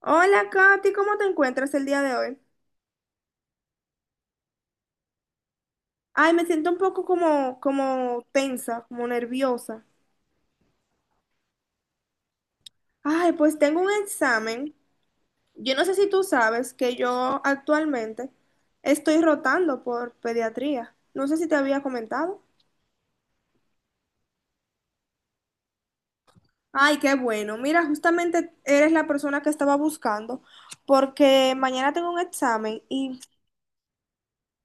Hola, Katy, ¿cómo te encuentras el día de hoy? Ay, me siento un poco como tensa, como nerviosa. Ay, pues tengo un examen. Yo no sé si tú sabes que yo actualmente estoy rotando por pediatría. No sé si te había comentado. Ay, qué bueno. Mira, justamente eres la persona que estaba buscando porque mañana tengo un examen y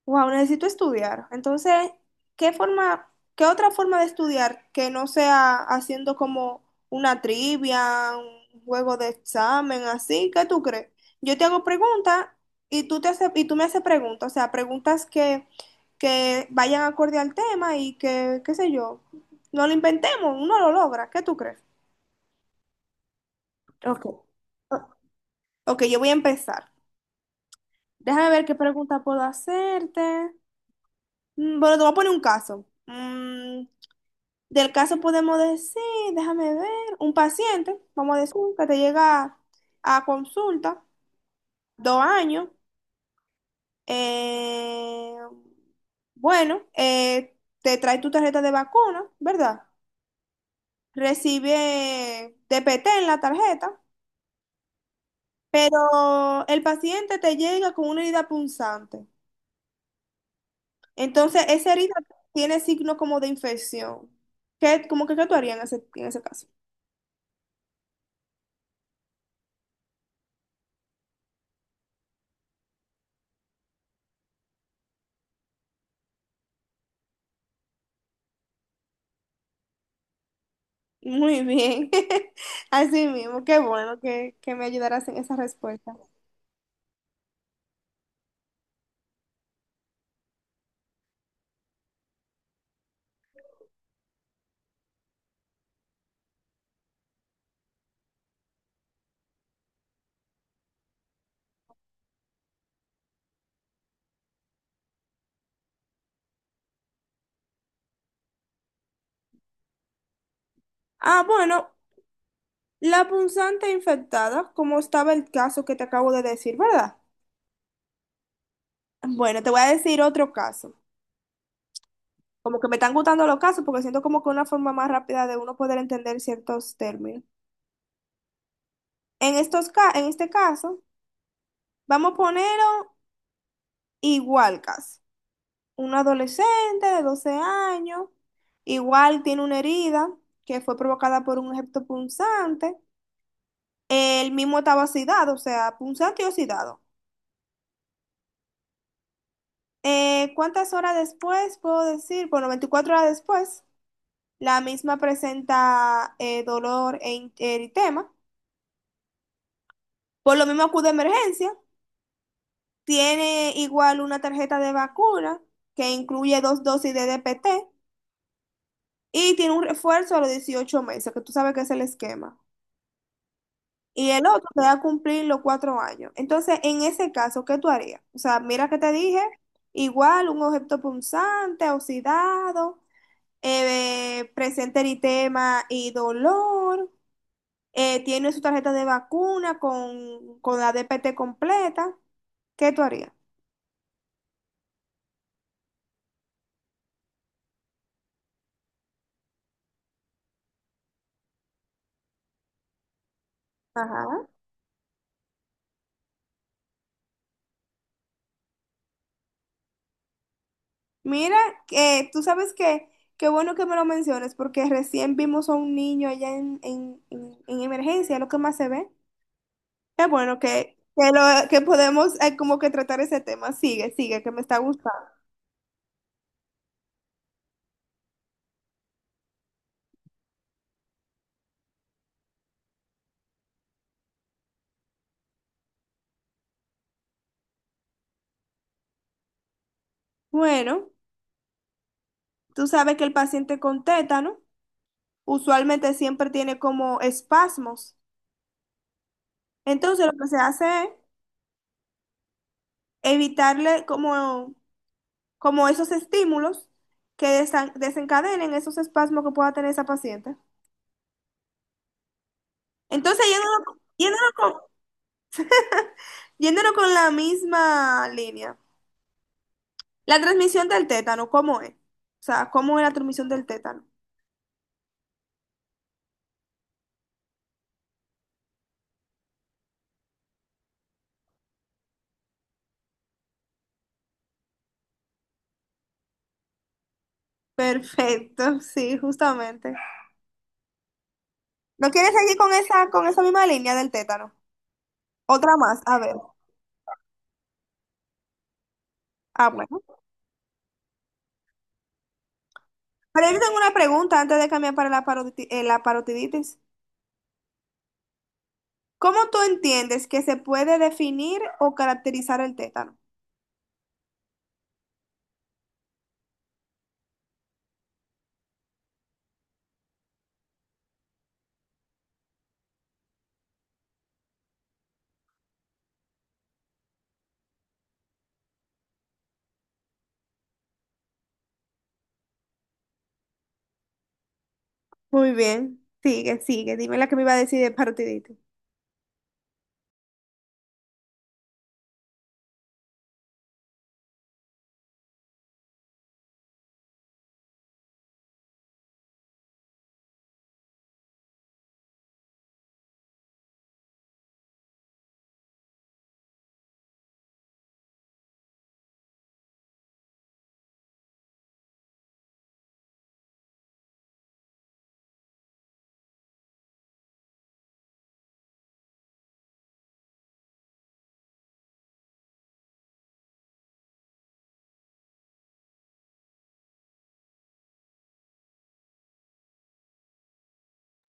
wow, necesito estudiar. Entonces, ¿qué forma, ¿qué otra forma de estudiar que no sea haciendo como una trivia, un juego de examen, así? ¿Qué tú crees? Yo te hago preguntas y tú me haces preguntas, o sea, que vayan acorde al tema y que, qué sé yo, no lo inventemos, uno lo logra. ¿Qué tú crees? Ok. Ok, yo voy a empezar. Déjame ver qué pregunta puedo hacerte. Bueno, te voy a poner un caso. Del caso podemos decir, déjame ver, un paciente, vamos a decir, que te llega a consulta, 2 años, eh, bueno, te trae tu tarjeta de vacuna, ¿verdad? Recibe TPT en la tarjeta, pero el paciente te llega con una herida punzante. Entonces, esa herida tiene signos como de infección. ¿Qué, como que, qué tú harías en ese caso? Muy bien. Así mismo, que me ayudaras en esa respuesta. Ah, bueno, la punzante infectada, como estaba el caso que te acabo de decir, ¿verdad? Bueno, te voy a decir otro caso. Como que me están gustando los casos porque siento como que una forma más rápida de uno poder entender ciertos términos. En este caso, vamos a ponerlo igual caso. Un adolescente de 12 años, igual tiene una herida que fue provocada por un objeto punzante. El mismo estaba oxidado, o sea, punzante y oxidado. ¿Cuántas horas después puedo decir? Bueno, 24 horas después, la misma presenta dolor eritema. Por lo mismo acude a emergencia. Tiene igual una tarjeta de vacuna que incluye 2 dosis de DPT y tiene un refuerzo a los 18 meses, que tú sabes que es el esquema, y el otro te va a cumplir los 4 años. Entonces, en ese caso, ¿qué tú harías? O sea, mira que te dije, igual un objeto punzante, oxidado, presenta eritema y dolor, tiene su tarjeta de vacuna con la DPT completa, ¿qué tú harías? Ajá. Mira, que tú sabes que, qué bueno que me lo menciones, porque recién vimos a un niño allá en emergencia, es lo que más se ve. Qué bueno que, lo, que podemos como que tratar ese tema. Sigue, sigue, que me está gustando. Bueno, tú sabes que el paciente con tétano usualmente siempre tiene como espasmos. Entonces lo que se hace es evitarle como, como esos estímulos que desencadenen esos espasmos que pueda tener esa paciente. Entonces, yéndonos con la misma línea. La transmisión del tétano, ¿cómo es? O sea, ¿cómo es la transmisión del tétano? Perfecto, sí, justamente. ¿No quieres seguir con esa misma línea del tétano? Otra más, a ver. Ah, bueno. Pero yo tengo una pregunta antes de cambiar para la parotiditis. ¿Cómo tú entiendes que se puede definir o caracterizar el tétano? Muy bien, sigue, sigue. Dime la que me iba a decir de parotiditis.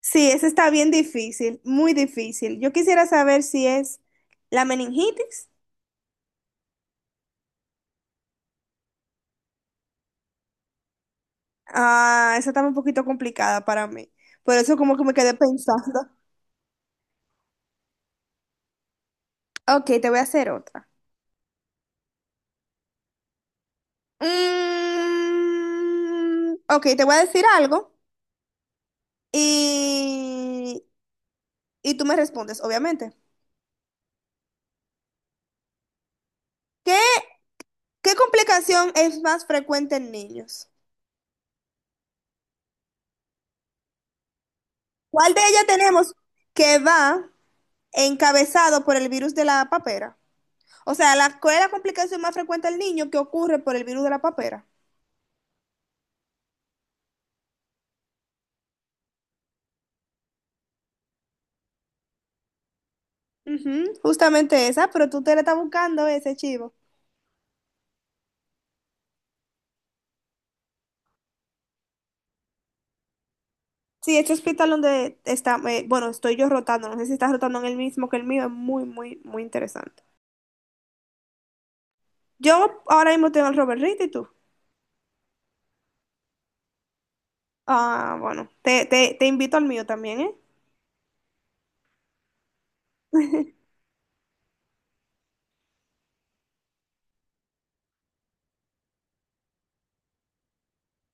Sí, esa está bien difícil, muy difícil. Yo quisiera saber si es la meningitis. Ah, esa está un poquito complicada para mí. Por eso como que me quedé pensando. Ok, te voy a hacer otra. Ok, te voy a decir algo y, y tú me respondes, obviamente. ¿Qué, ¿qué complicación es más frecuente en niños? ¿Cuál de ellas tenemos que va encabezado por el virus de la papera? O sea, ¿cuál es la complicación más frecuente en niño que ocurre por el virus de la papera? Ujú, justamente esa, pero tú te la estás buscando ese chivo. Sí, este hospital donde está, bueno, estoy yo rotando, no sé si estás rotando en el mismo que el mío, es muy, muy, muy interesante. Yo ahora mismo tengo el Robert Reed, ¿y tú? Ah, bueno, te invito al mío también, ¿eh?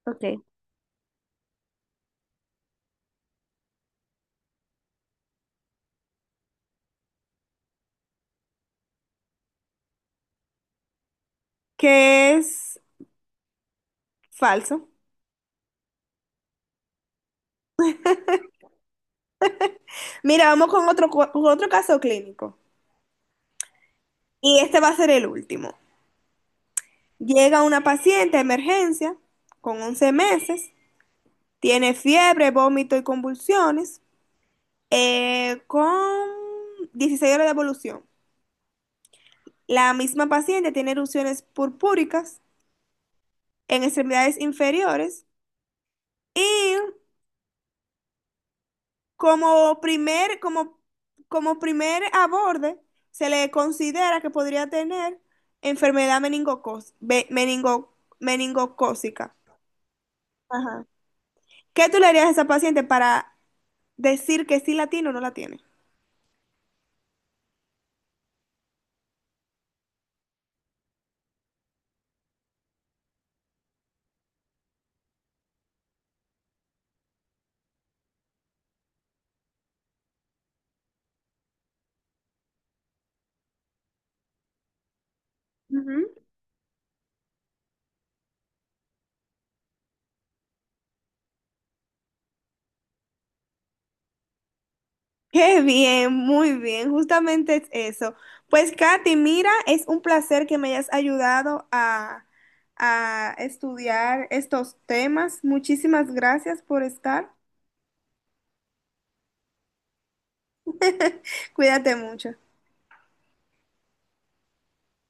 Ok. Que es falso. Mira, vamos con otro, con otro caso clínico. Y este va a ser el último. Llega una paciente de emergencia con 11 meses, tiene fiebre, vómito y convulsiones, con 16 horas de evolución. La misma paciente tiene erupciones purpúricas en extremidades inferiores y como primer, como, como primer aborde se le considera que podría tener enfermedad meningocócica. Ajá. ¿Qué tú le harías a esa paciente para decir que sí la tiene o no la tiene? Ujú. Qué bien, muy bien, justamente es eso. Pues Katy, mira, es un placer que me hayas ayudado a estudiar estos temas. Muchísimas gracias por estar. Cuídate mucho.